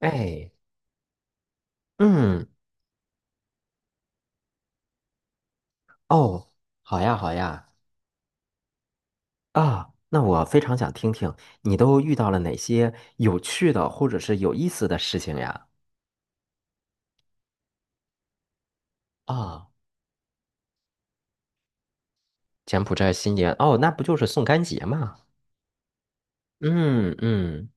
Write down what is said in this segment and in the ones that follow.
哎，嗯，哦，好呀，好呀，啊，那我非常想听听你都遇到了哪些有趣的或者是有意思的事情呀？啊，柬埔寨新年，哦，那不就是送干节吗？嗯嗯，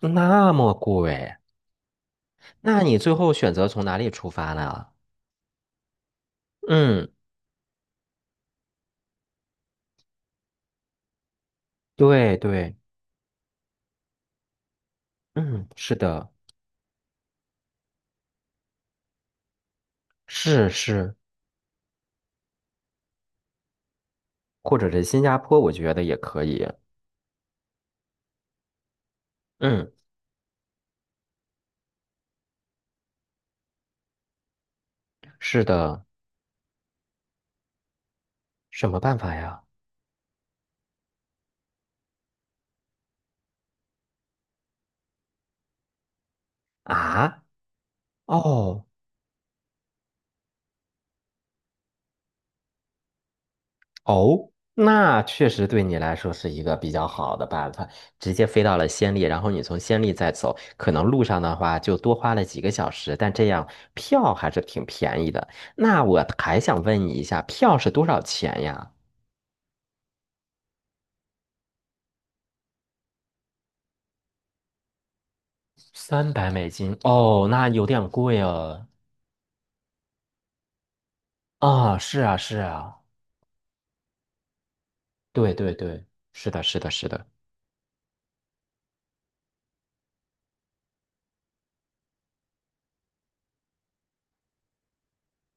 那么贵，那你最后选择从哪里出发呢？嗯，对对，嗯，是的，是是，或者是新加坡，我觉得也可以。嗯，是的，什么办法呀？啊？哦。哦，那确实对你来说是一个比较好的办法，直接飞到了暹粒，然后你从暹粒再走，可能路上的话就多花了几个小时，但这样票还是挺便宜的。那我还想问你一下，票是多少钱呀？$300，哦，那有点贵哦。啊，是啊，是啊，对对对，是的，是的，是的，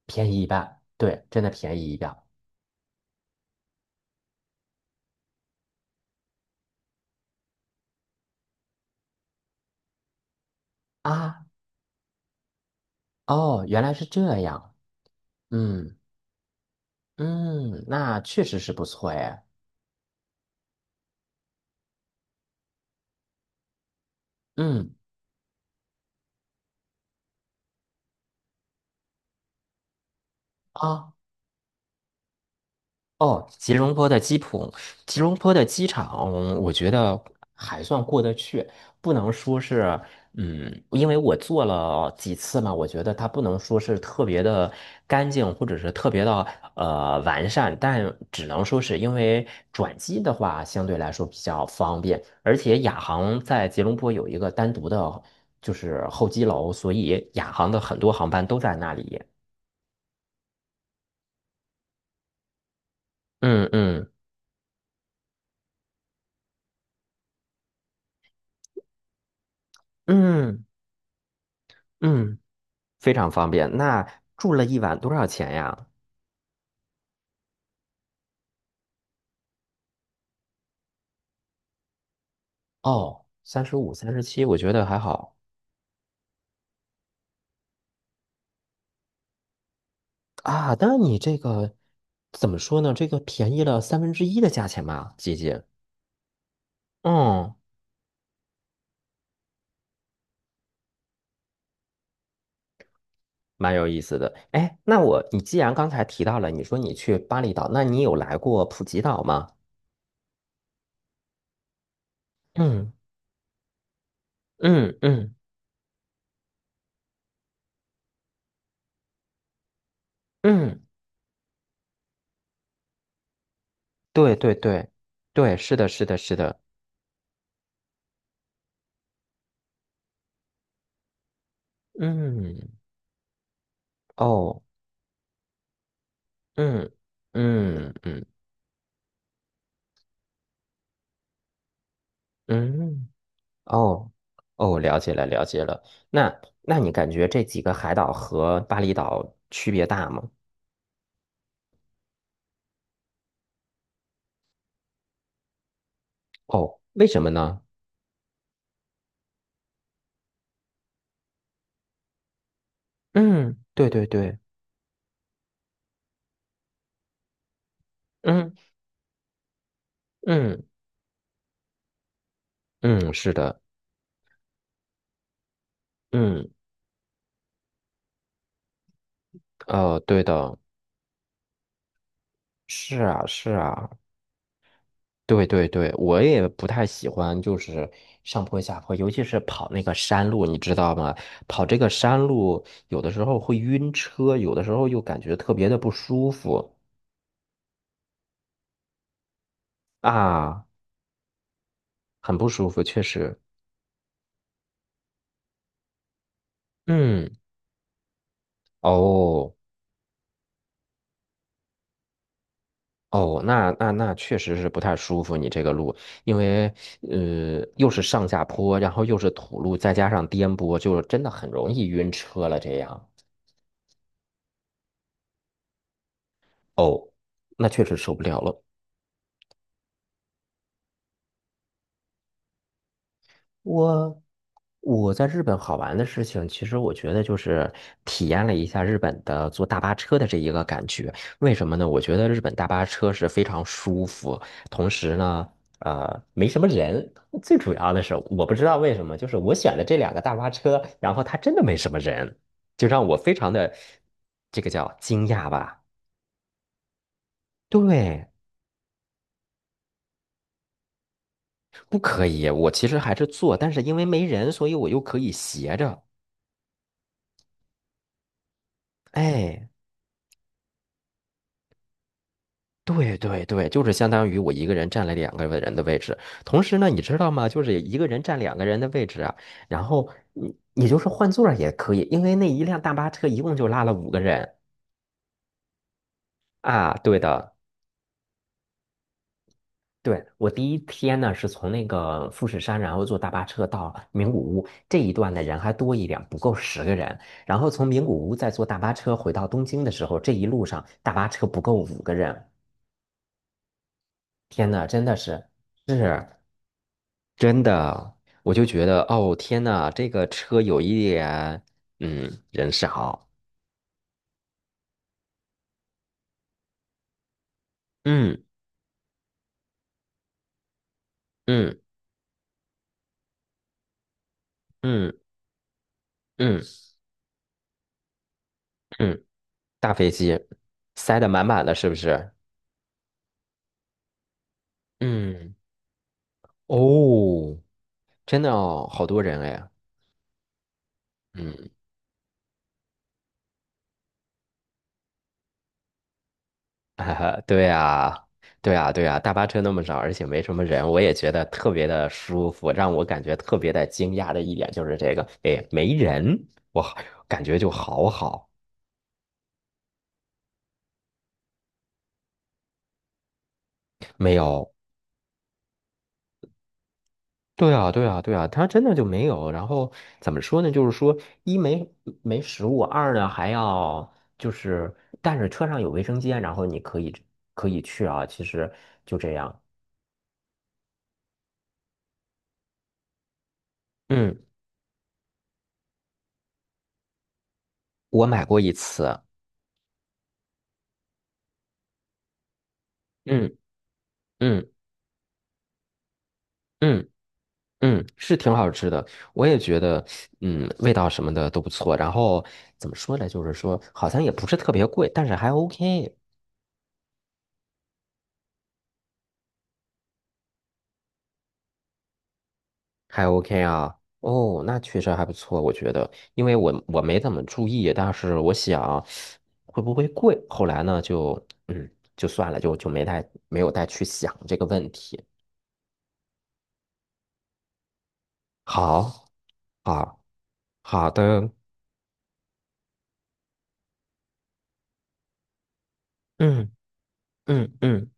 便宜一半，对，真的便宜一半啊。哦，原来是这样，嗯。嗯，那确实是不错哎。嗯啊哦，吉隆坡的机普，吉隆坡的机场，我觉得还算过得去，不能说是嗯，因为我坐了几次嘛，我觉得它不能说是特别的干净，或者是特别的完善，但只能说是因为转机的话相对来说比较方便，而且亚航在吉隆坡有一个单独的。就是候机楼，所以亚航的很多航班都在那里。嗯嗯嗯嗯，非常方便。那住了一晚多少钱呀？哦，35、37，我觉得还好啊。那你这个怎么说呢？这个便宜了三分之一的价钱吧，姐姐。嗯，蛮有意思的。哎，那我，你既然刚才提到了，你说你去巴厘岛，那你有来过普吉岛吗？嗯嗯嗯嗯，对对对对，是的，是的，是的。嗯，哦，嗯嗯嗯嗯。哦，哦，了解了，了解了。那那你感觉这几个海岛和巴厘岛区别大吗？哦，为什么呢？嗯，对对对，嗯嗯嗯，是的，嗯哦，对的，是啊是啊，对对对，我也不太喜欢就是上坡下坡，尤其是跑那个山路，你知道吗？跑这个山路有的时候会晕车，有的时候又感觉特别的不舒服啊，很不舒服，确实。嗯。哦哦，那确实是不太舒服，你这个路，因为又是上下坡，然后又是土路，再加上颠簸，就真的很容易晕车了。这样，哦，那确实受不了了。我我在日本好玩的事情，其实我觉得就是体验了一下日本的坐大巴车的这一个感觉。为什么呢？我觉得日本大巴车是非常舒服，同时呢，没什么人。最主要的是，我不知道为什么，就是我选的这两个大巴车，然后它真的没什么人，就让我非常的这个叫惊讶吧。对，不可以，我其实还是坐，但是因为没人，所以我又可以斜着。哎。对对对，就是相当于我一个人占了两个人的位置。同时呢，你知道吗？就是一个人占两个人的位置啊。然后你就是换座儿也可以，因为那一辆大巴车一共就拉了五个人啊。对的，对，我第一天呢是从那个富士山，然后坐大巴车到名古屋这一段的人还多一点，不够10个人。然后从名古屋再坐大巴车回到东京的时候，这一路上大巴车不够五个人。天呐，真的是是。真的，我就觉得哦，天呐，这个车有一点，嗯，人少，嗯嗯嗯嗯嗯，大飞机塞得满满的，是不是？嗯，哦，真的哦，好多人哎，嗯，哈哈，对啊，对啊，对啊，大巴车那么少，而且没什么人，我也觉得特别的舒服，让我感觉特别的惊讶的一点就是这个，哎，没人，我感觉就好好。没有，对啊，对啊，对啊，它真的就没有。然后怎么说呢？就是说，一没没食物，二呢还要就是，但是车上有卫生间，然后你可以可以去啊。其实就这样。嗯，我买过一次。嗯嗯嗯嗯，是挺好吃的，我也觉得，嗯，味道什么的都不错。然后怎么说呢？就是说，好像也不是特别贵，但是还 OK。还 OK 啊，哦，那确实还不错，我觉得，因为我没怎么注意，但是我想会不会贵，后来呢就嗯就算了，就没有再去想这个问题。好，好，好的，嗯嗯嗯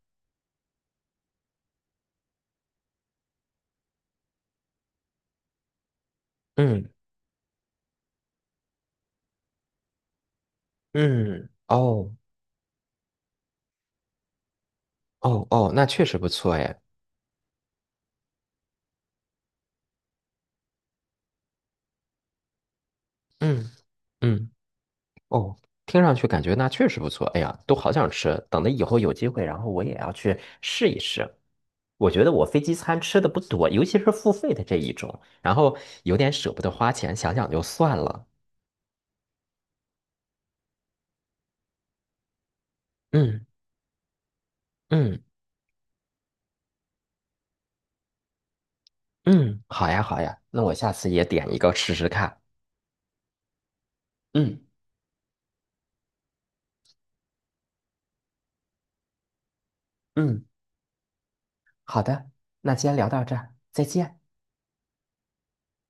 嗯嗯，哦哦哦，那确实不错哎，嗯嗯，哦，听上去感觉那确实不错，哎呀，都好想吃，等着以后有机会，然后我也要去试一试。我觉得我飞机餐吃的不多，尤其是付费的这一种，然后有点舍不得花钱，想想就算了。嗯嗯嗯，好呀好呀，那我下次也点一个试试看。嗯嗯，好的，那今天聊到这儿，再见。